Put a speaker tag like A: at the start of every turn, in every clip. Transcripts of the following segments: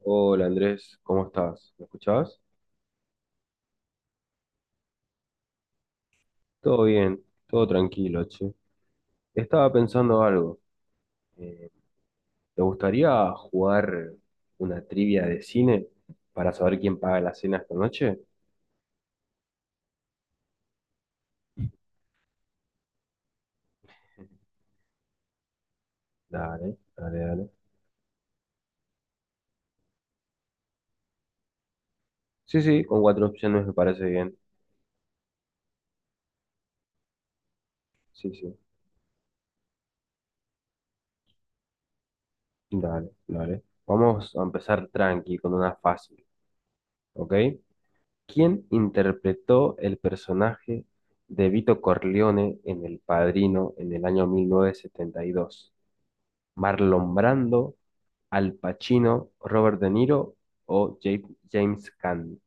A: Hola Andrés, ¿cómo estás? ¿Me escuchás? Todo bien, todo tranquilo, che. Estaba pensando algo. Eh, ¿Te gustaría jugar una trivia de cine para saber quién paga la cena esta noche? Dale, dale, dale. Sí, sí, con cuatro opciones me parece bien. Sí, sí, dale, dale. Vamos a empezar tranqui con una fácil, ¿ok? ¿Quién interpretó el personaje de Vito Corleone en El Padrino en el año 1972? Marlon Brando, Al Pacino, Robert De Niro o James Caan.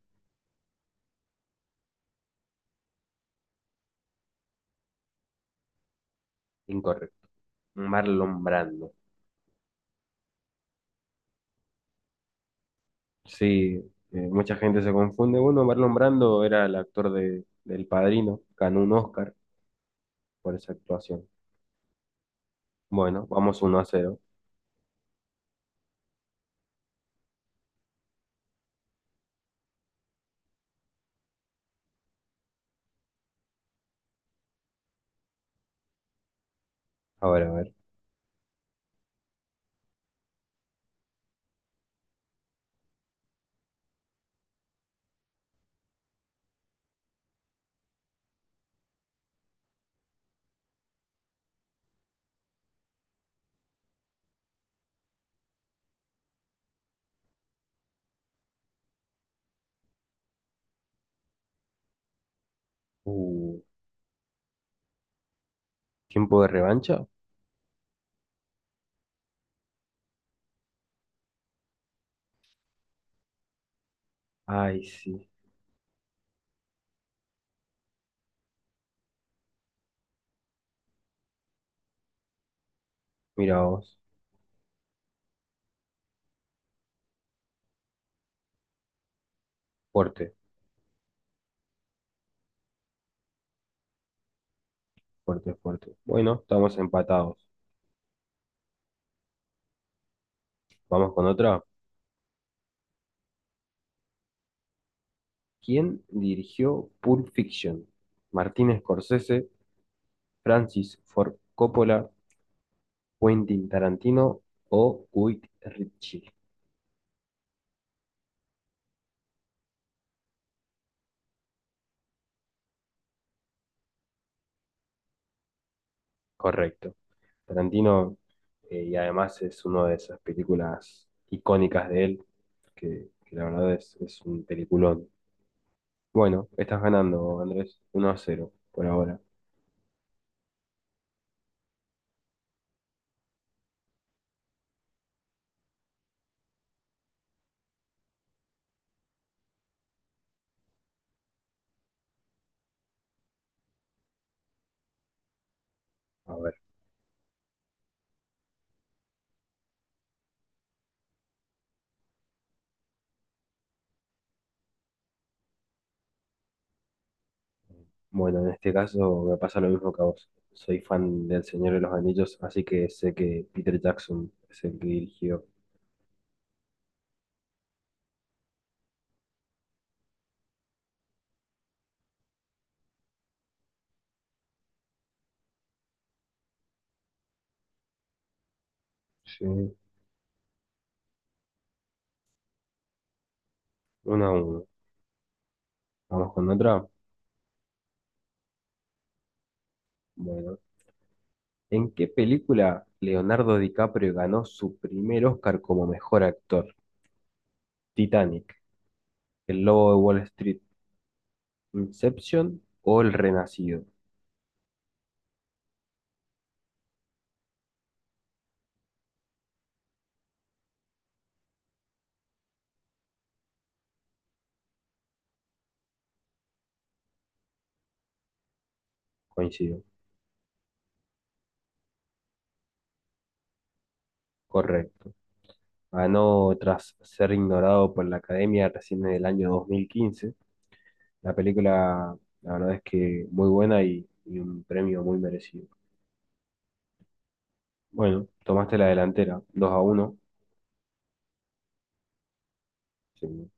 A: Incorrecto. Marlon Brando. Sí, mucha gente se confunde. Bueno, Marlon Brando era el actor de, del Padrino. Ganó un Oscar por esa actuación. Bueno, vamos uno a cero. A ver, a ver. Uh, ¿Tiempo de revancha? Ay, sí. Mira vos. Fuerte, fuerte, fuerte. Bueno, estamos empatados. Vamos con otra. ¿Quién dirigió Pulp Fiction? ¿Martin Scorsese, Francis Ford Coppola, Quentin Tarantino o Guy Ritchie? Correcto. Tarantino, y además es una de esas películas icónicas de él, que la verdad es un peliculón. Bueno, estás ganando, Andrés, uno a cero por ahora. A ver, bueno, en este caso me pasa lo mismo que a vos. Soy fan del Señor de los Anillos, así que sé que Peter Jackson es el que dirigió. Sí, una a uno. Vamos con otra. Bueno, ¿en qué película Leonardo DiCaprio ganó su primer Oscar como mejor actor? Titanic, El Lobo de Wall Street, Inception o El Renacido. Coincido. Correcto. Ganó tras ser ignorado por la Academia recién en el año 2015. La película, la verdad es que muy buena y un premio muy merecido. Bueno, tomaste la delantera, 2 a uno. Sí.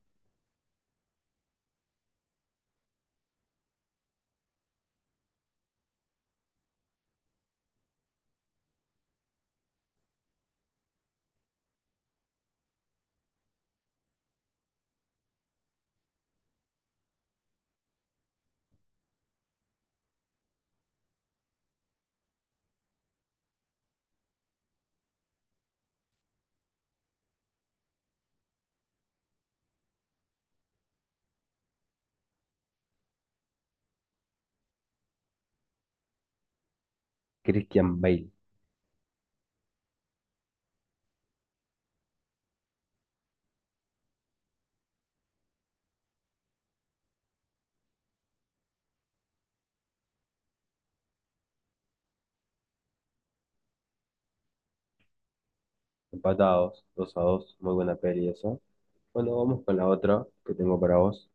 A: Christian Bale. Empatados, 2 a 2. Muy buena peli esa. Bueno, vamos con la otra que tengo para vos.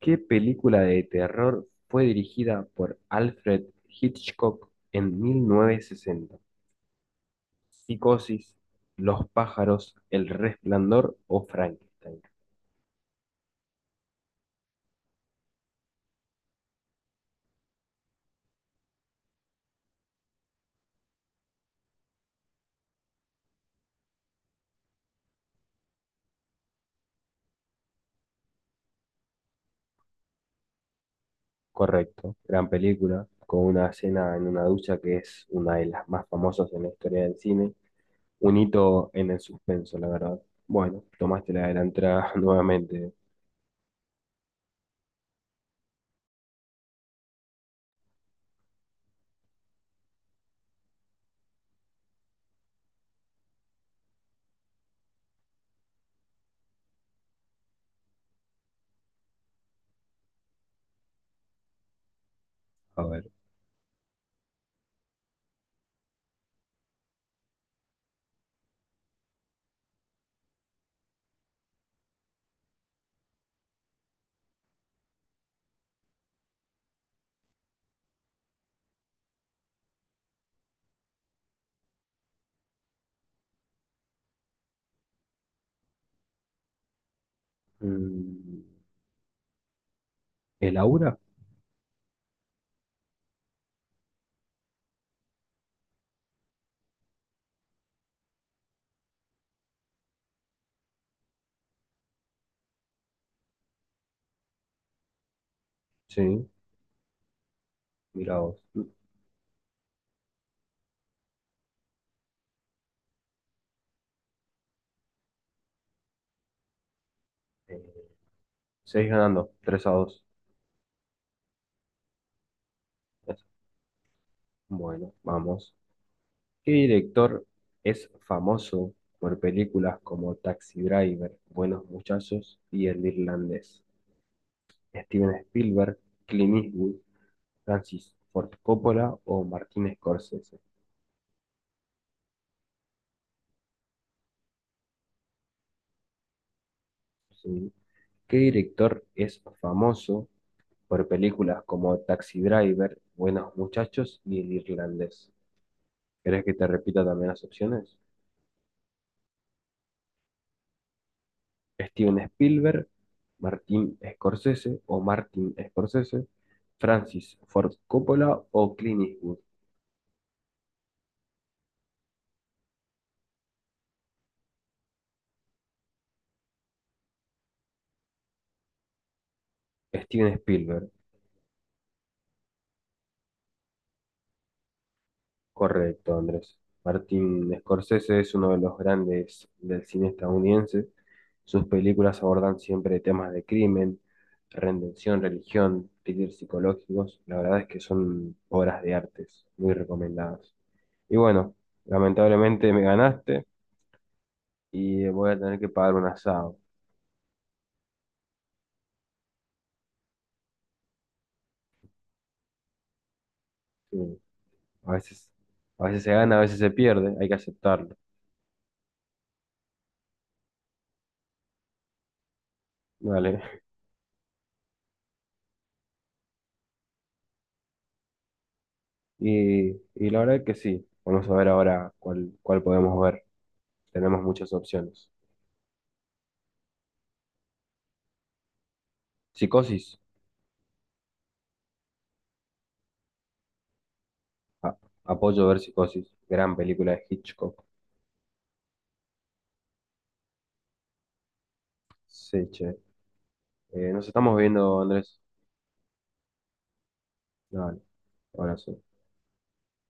A: ¿Qué película de terror fue dirigida por Alfred Hitchcock en 1960? ¿Psicosis, Los pájaros, El resplandor o Frankenstein? Correcto, gran película, con una escena en una ducha que es una de las más famosas en la historia del cine. Un hito en el suspenso, la verdad. Bueno, tomaste la delantera nuevamente. A ver. Mm, ¿El Aura? Sí, mira vos. Eh, seis ganando, 3 a 2. Bueno, vamos. ¿Qué director es famoso por películas como Taxi Driver, Buenos Muchachos y El Irlandés? ¿Steven Spielberg, Clint Eastwood, Francis Ford Coppola o Martin Scorsese? Sí. ¿Qué director es famoso por películas como Taxi Driver, Buenos Muchachos y El Irlandés? ¿Querés que te repita también las opciones? Steven Spielberg, Martin Scorsese o Martin Scorsese, Francis Ford Coppola o Clint Eastwood. Steven Spielberg, correcto, Andrés. Martin Scorsese es uno de los grandes del cine estadounidense. Sus películas abordan siempre temas de crimen, redención, religión, thrillers psicológicos. La verdad es que son obras de artes muy recomendadas. Y bueno, lamentablemente me ganaste y voy a tener que pagar un asado. Sí. A veces, a veces se gana, a veces se pierde, hay que aceptarlo. Vale. Y, y la verdad es que sí. Vamos a ver ahora cuál, cuál podemos ver. Tenemos muchas opciones. Psicosis. A- apoyo ver Psicosis. Gran película de Hitchcock. Sí, che. Nos estamos viendo, Andrés. Dale. Abrazo.